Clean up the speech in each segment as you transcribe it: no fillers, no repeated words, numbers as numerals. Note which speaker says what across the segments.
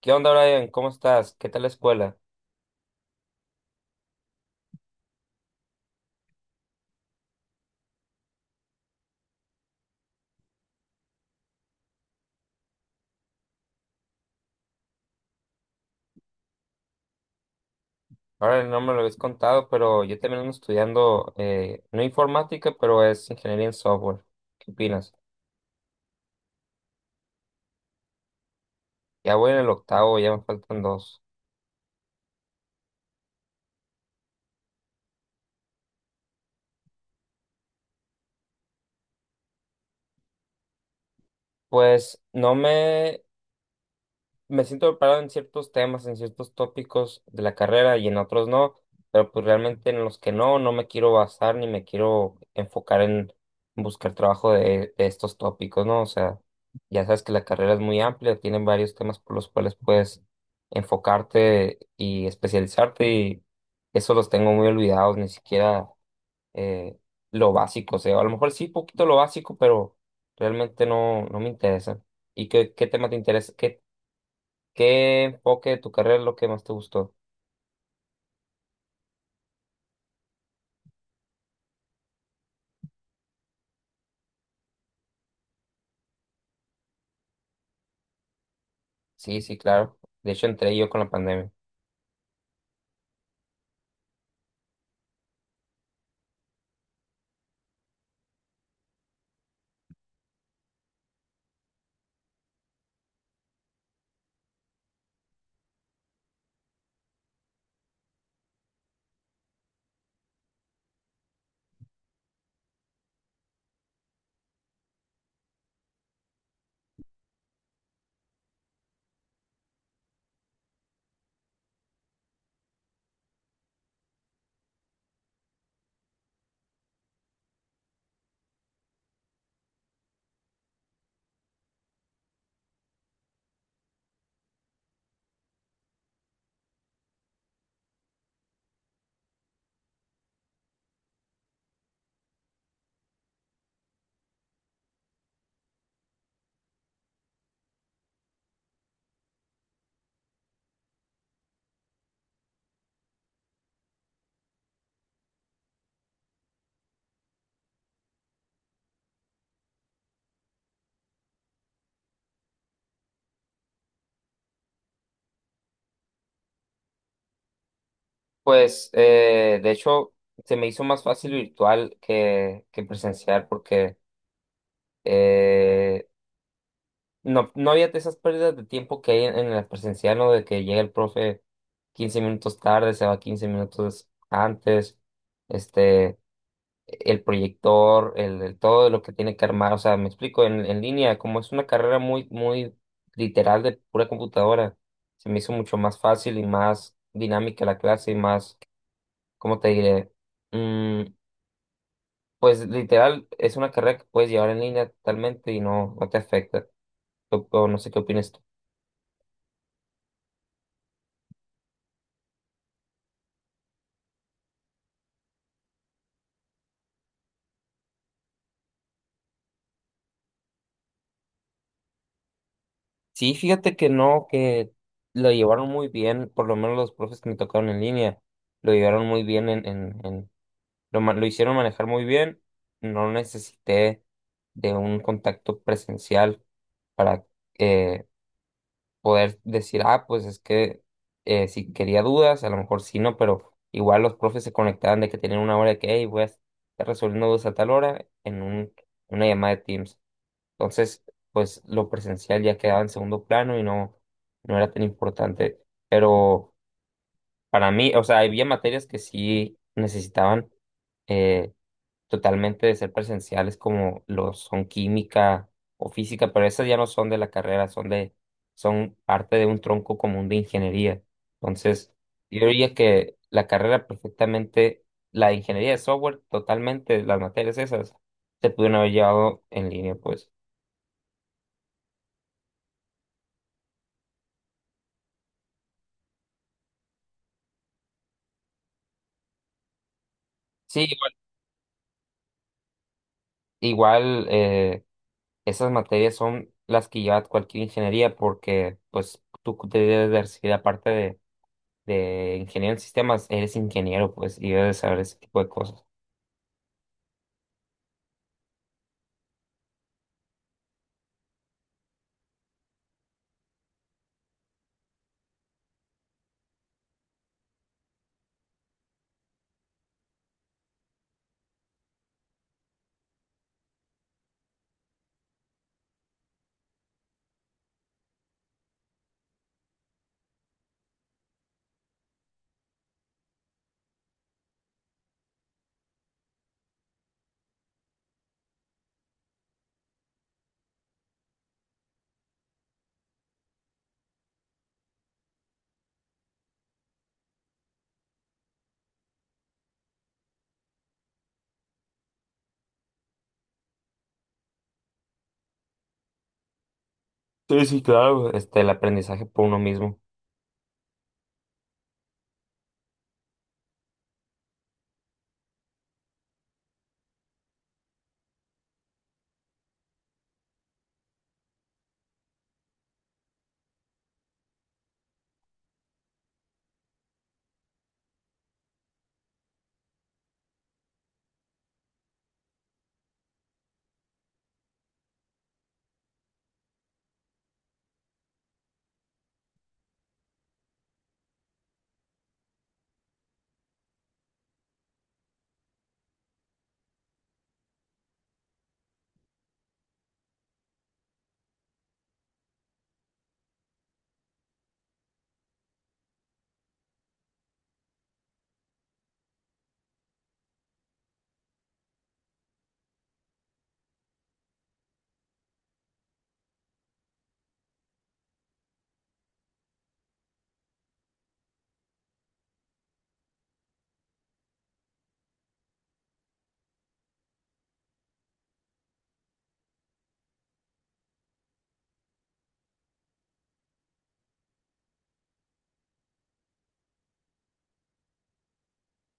Speaker 1: ¿Qué onda, Brian? ¿Cómo estás? ¿Qué tal la escuela? Ahora no me lo habéis contado, pero yo también ando estudiando, no informática, pero es ingeniería en software. ¿Qué opinas? Ya voy en el octavo, ya me faltan dos. Pues no me Me siento preparado en ciertos temas, en ciertos tópicos de la carrera y en otros no, pero pues realmente en los que no, no me quiero basar ni me quiero enfocar en buscar trabajo de estos tópicos, ¿no? O sea, ya sabes que la carrera es muy amplia, tienen varios temas por los cuales puedes enfocarte y especializarte y eso los tengo muy olvidados, ni siquiera eh, lo básico, o sea, a lo mejor sí, poquito lo básico, pero realmente no, no me interesa. ¿Y qué tema te interesa? ¿Qué enfoque de tu carrera es lo que más te gustó? Sí, sí, claro. De hecho, entré yo con la pandemia. Pues, de hecho, se me hizo más fácil virtual que presencial porque eh, no había esas pérdidas de tiempo que hay en la presencial, ¿no? De que llega el profe 15 minutos tarde, se va 15 minutos antes. Este, el proyector, el todo lo que tiene que armar. O sea, me explico, en línea, como es una carrera muy literal de pura computadora, se me hizo mucho más fácil y más dinámica la clase y más, ¿cómo te diré? Mm, pues literal, es una carrera que puedes llevar en línea totalmente y no, no te afecta. O no sé qué opinas tú. Sí, fíjate que no, que lo llevaron muy bien, por lo menos los profes que me tocaron en línea, lo llevaron muy bien en lo hicieron manejar muy bien. No necesité de un contacto presencial para eh, poder decir, ah, pues es que si quería dudas, a lo mejor sí, no, pero igual los profes se conectaban de que tenían una hora de que, hey, voy a estar resolviendo dudas a tal hora en una llamada de Teams. Entonces, pues lo presencial ya quedaba en segundo plano y no, no era tan importante. Pero para mí, o sea, había materias que sí necesitaban. eh, Totalmente de ser presenciales como lo son química o física, pero esas ya no son de la carrera, son son parte de un tronco común de ingeniería. Entonces, yo diría que la carrera perfectamente, la de ingeniería de software, totalmente, las materias esas, se pudieron haber llevado en línea, pues. Sí, igual, igual, esas materias son las que lleva cualquier ingeniería porque, pues, tú debes de recibir aparte de ingeniero en sistemas, eres ingeniero, pues, y debes saber ese tipo de cosas. Sí, sí, claro. Este, el aprendizaje por uno mismo.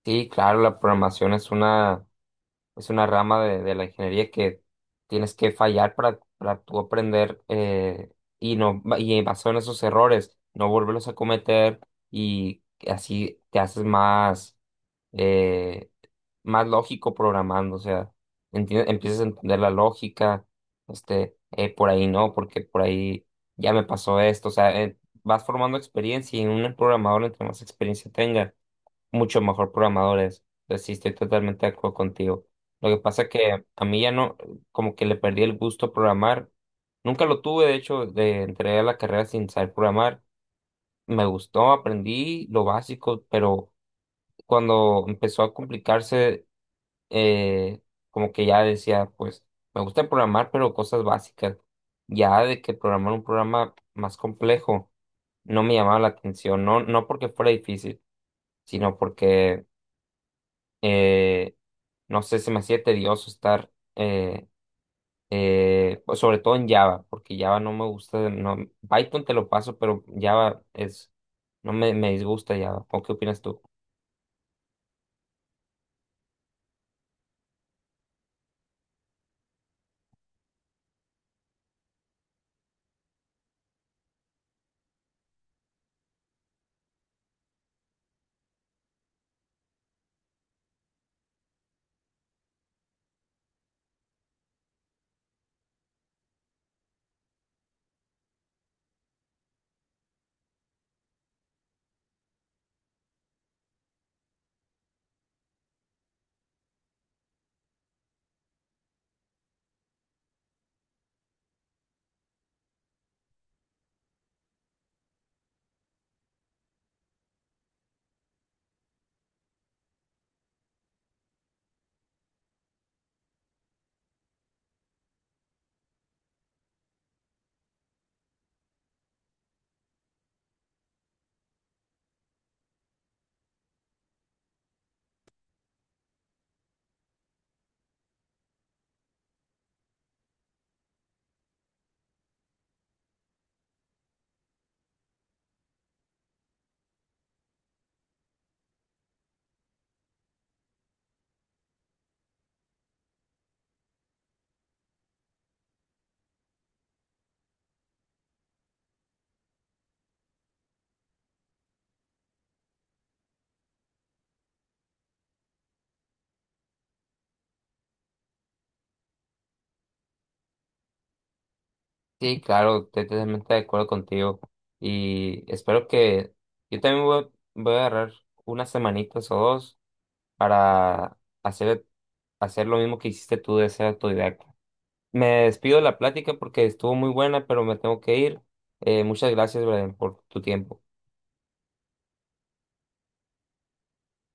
Speaker 1: Sí, claro, la programación es una rama de la ingeniería que tienes que fallar para tú aprender y no, y basado en esos errores, no volverlos a cometer y así te haces más. eh, Más lógico programando, o sea, empiezas a entender la lógica, este, por ahí no, porque por ahí ya me pasó esto, o sea, vas formando experiencia y un programador, entre más experiencia tenga, mucho mejor programador es. Entonces, sí, estoy totalmente de acuerdo contigo. Lo que pasa que a mí ya no, como que le perdí el gusto a programar. Nunca lo tuve, de hecho, de entré a la carrera sin saber programar. Me gustó, aprendí lo básico, pero cuando empezó a complicarse, eh, como que ya decía, pues, me gusta programar, pero cosas básicas. Ya de que programar un programa más complejo no me llamaba la atención, no, no porque fuera difícil, sino porque, eh, no sé, se me hacía tedioso estar, eh, pues, sobre todo en Java, porque Java no me gusta, no, Python te lo paso, pero Java es, no me, me disgusta Java. ¿O qué opinas tú? Sí, claro, estoy totalmente de acuerdo contigo y espero que yo también voy a agarrar unas semanitas o dos para hacer, hacer lo mismo que hiciste tú de ser autodidacta. Me despido de la plática porque estuvo muy buena, pero me tengo que ir. Muchas gracias, Brian, por tu tiempo.